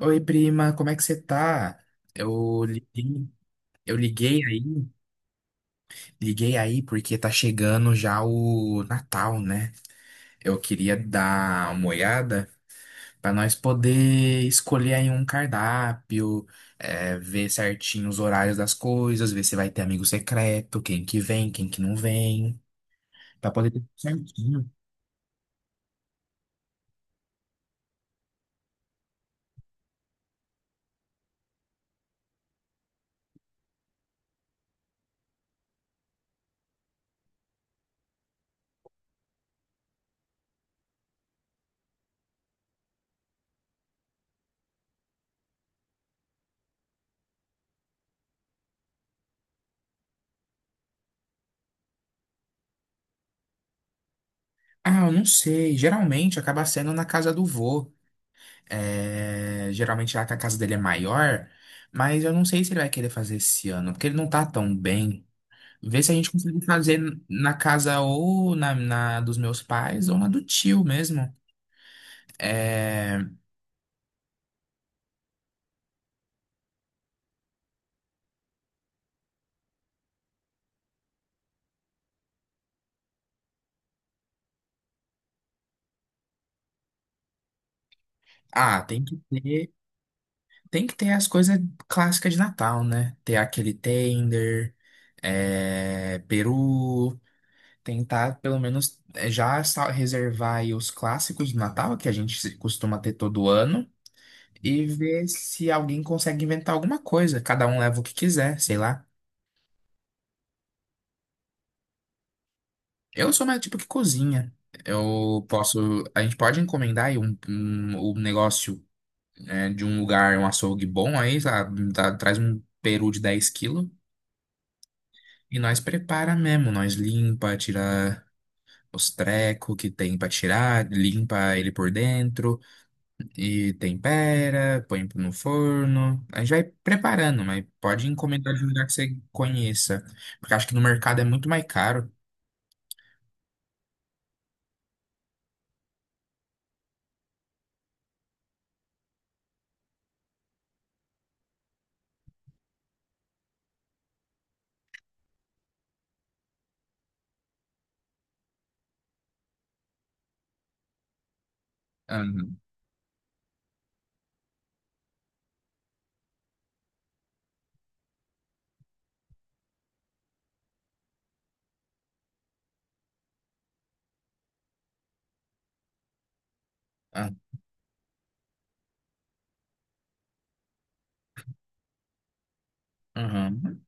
Oi, prima, como é que você tá? Eu liguei, eu liguei aí, liguei aí porque tá chegando já o Natal, né? Eu queria dar uma olhada pra nós poder escolher aí um cardápio, é, ver certinho os horários das coisas, ver se vai ter amigo secreto, quem que vem, quem que não vem, pra poder ter tudo certinho. Ah, eu não sei. Geralmente acaba sendo na casa do vô. É, geralmente lá que a casa dele é maior, mas eu não sei se ele vai querer fazer esse ano, porque ele não tá tão bem. Vê se a gente consegue fazer na casa ou na dos meus pais ou na do tio mesmo. É, ah, tem que ter as coisas clássicas de Natal, né? Ter aquele tender, é, peru, tentar pelo menos é, já reservar aí os clássicos de Natal que a gente costuma ter todo ano. E ver se alguém consegue inventar alguma coisa. Cada um leva o que quiser, sei lá. Eu sou mais tipo que cozinha. Eu posso, a gente pode encomendar aí um negócio né, de um lugar, um açougue bom aí, sei lá, traz um peru de 10 quilos e nós prepara mesmo, nós limpa, tira os trecos que tem pra tirar, limpa ele por dentro. E tempera, põe no forno. A gente vai preparando, mas pode encomendar de um lugar que você conheça. Porque acho que no mercado é muito mais caro. Aham, ah, aham.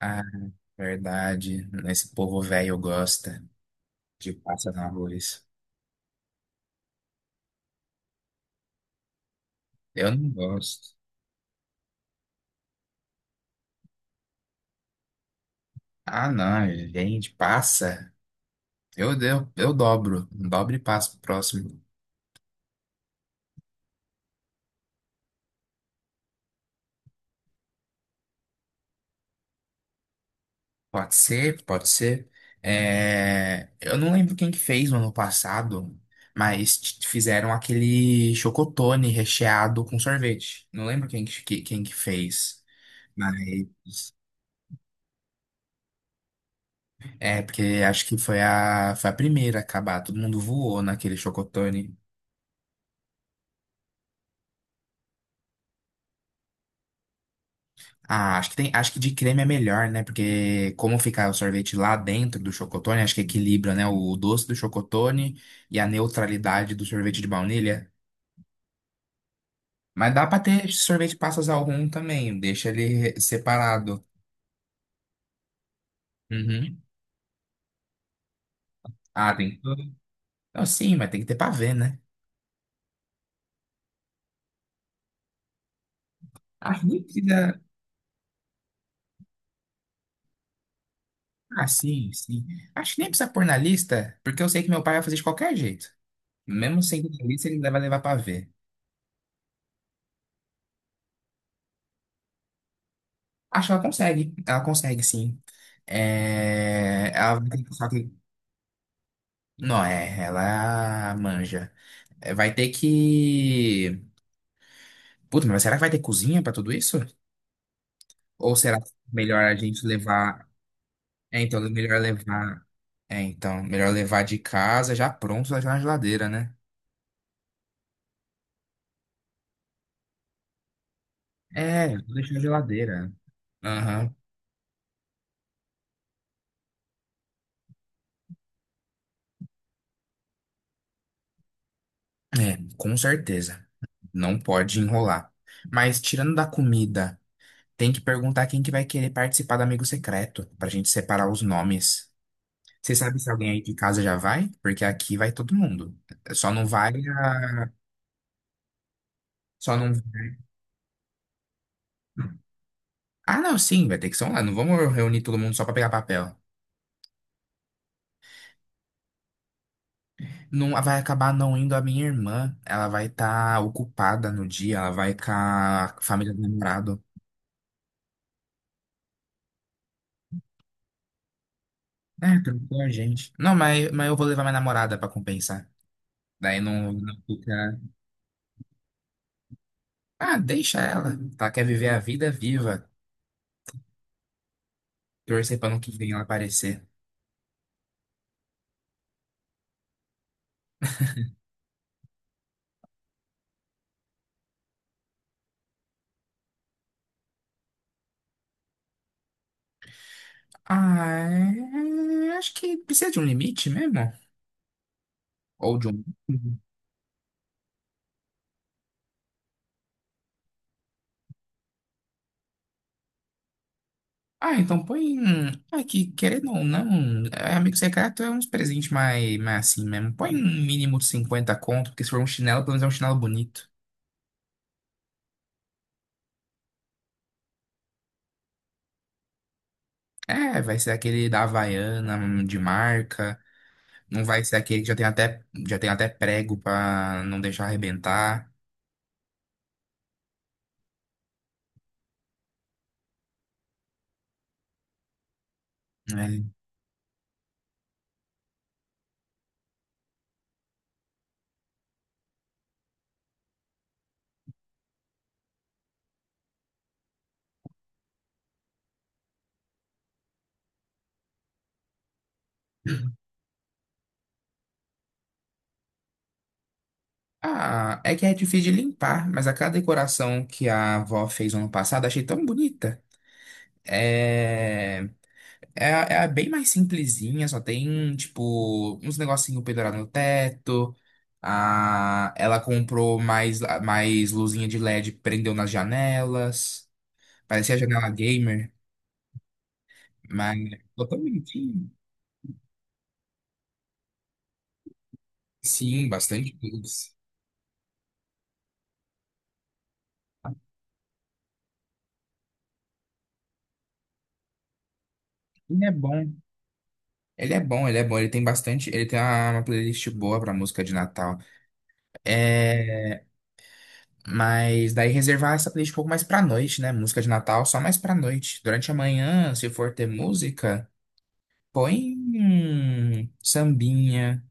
Ah, verdade. Esse povo velho gosta de passa no arroz. Eu não gosto. Ah, não, gente, passa. Eu dobro. Dobro e passo pro próximo. Pode ser, pode ser. É, eu não lembro quem que fez no ano passado, mas fizeram aquele chocotone recheado com sorvete. Não lembro quem que fez, mas é porque acho que foi a primeira a acabar. Todo mundo voou naquele chocotone. Ah, acho que tem, acho que de creme é melhor, né? Porque como fica o sorvete lá dentro do chocotone, acho que equilibra, né? O doce do chocotone e a neutralidade do sorvete de baunilha. Mas dá pra ter sorvete de passas ao rum também, deixa ele separado. Uhum. Ah, tem tudo. Não, sim, mas tem que ter pra ver né? Acho que nem precisa. Ah, sim, sim. Acho que nem precisa pôr na lista, porque eu sei que meu pai vai fazer de qualquer jeito. Mesmo sem ter na lista, ele vai levar pavê. Acho que ela consegue. Ela consegue, sim. É. Ela vai ter que, Não, é, ela manja. É, vai ter que. Puta, mas será que vai ter cozinha pra tudo isso? Ou será melhor a gente levar. É, então, é melhor levar. É, então, melhor levar de casa já pronto, já na geladeira, né? É, vou deixar na geladeira. Aham. É, com certeza. Não pode enrolar. Mas tirando da comida, tem que perguntar quem que vai querer participar do amigo secreto, pra gente separar os nomes. Você sabe se alguém aí de casa já vai? Porque aqui vai todo mundo. Só não vai a... Só não... Ah, não, sim, vai ter que ser online. Não vamos reunir todo mundo só pra pegar papel. Não vai acabar não indo a minha irmã. Ela vai estar ocupada no dia, ela vai com a família do namorado. É, tranquilo, a gente. Não, mas eu vou levar minha namorada pra compensar. Daí não, não fica. Ah, deixa ela. Tá, quer viver a vida viva. Torcer pra não que vem ela aparecer. Ah, é... acho que precisa de um limite mesmo. Ou de um. Ah, então põe. Ah, que querendo ou não, é, amigo secreto é uns presentes mais assim mesmo. Põe um mínimo de 50 conto, porque se for um chinelo, pelo menos é um chinelo bonito. É, vai ser aquele da Havaiana, de marca. Não vai ser aquele que já tem até prego pra não deixar arrebentar. Né? Ah, é que é difícil de limpar, mas aquela decoração que a avó fez ano passado, achei tão bonita. É. É, é bem mais simplesinha, só tem, tipo, uns negocinho pendurado no teto. Ah, ela comprou mais luzinha de LED, prendeu nas janelas. Parecia a janela gamer, mas ficou tão bonitinho. Sim, bastante luz. Ele é bom. Ele é bom, ele é bom. Ele tem bastante. Ele tem uma playlist boa pra música de Natal. É, mas daí reservar essa playlist um pouco mais pra noite, né? Música de Natal só mais pra noite. Durante a manhã, se for ter música. Põe um sambinha,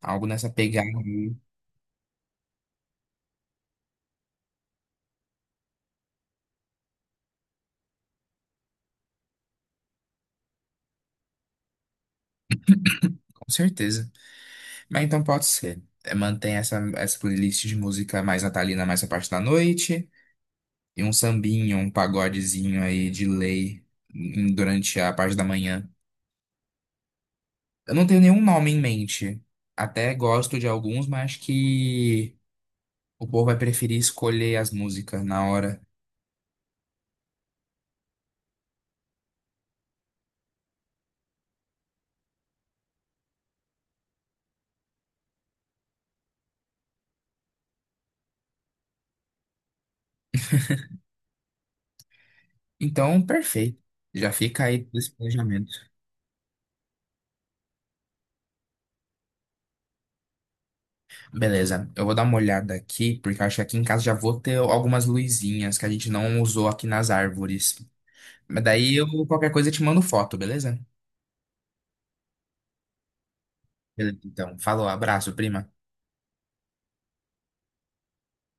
algo nessa pegada, aí, com certeza. Mas então pode ser. É, mantém essa playlist de música mais natalina, mais a parte da noite. E um sambinho, um pagodezinho aí de lei durante a parte da manhã. Eu não tenho nenhum nome em mente. Até gosto de alguns, mas acho que o povo vai preferir escolher as músicas na hora. Então, perfeito. Já fica aí esse planejamento. Beleza, eu vou dar uma olhada aqui, porque eu acho que aqui em casa já vou ter algumas luzinhas que a gente não usou aqui nas árvores. Mas daí eu, qualquer coisa, eu te mando foto, beleza? Beleza, então. Falou, abraço, prima.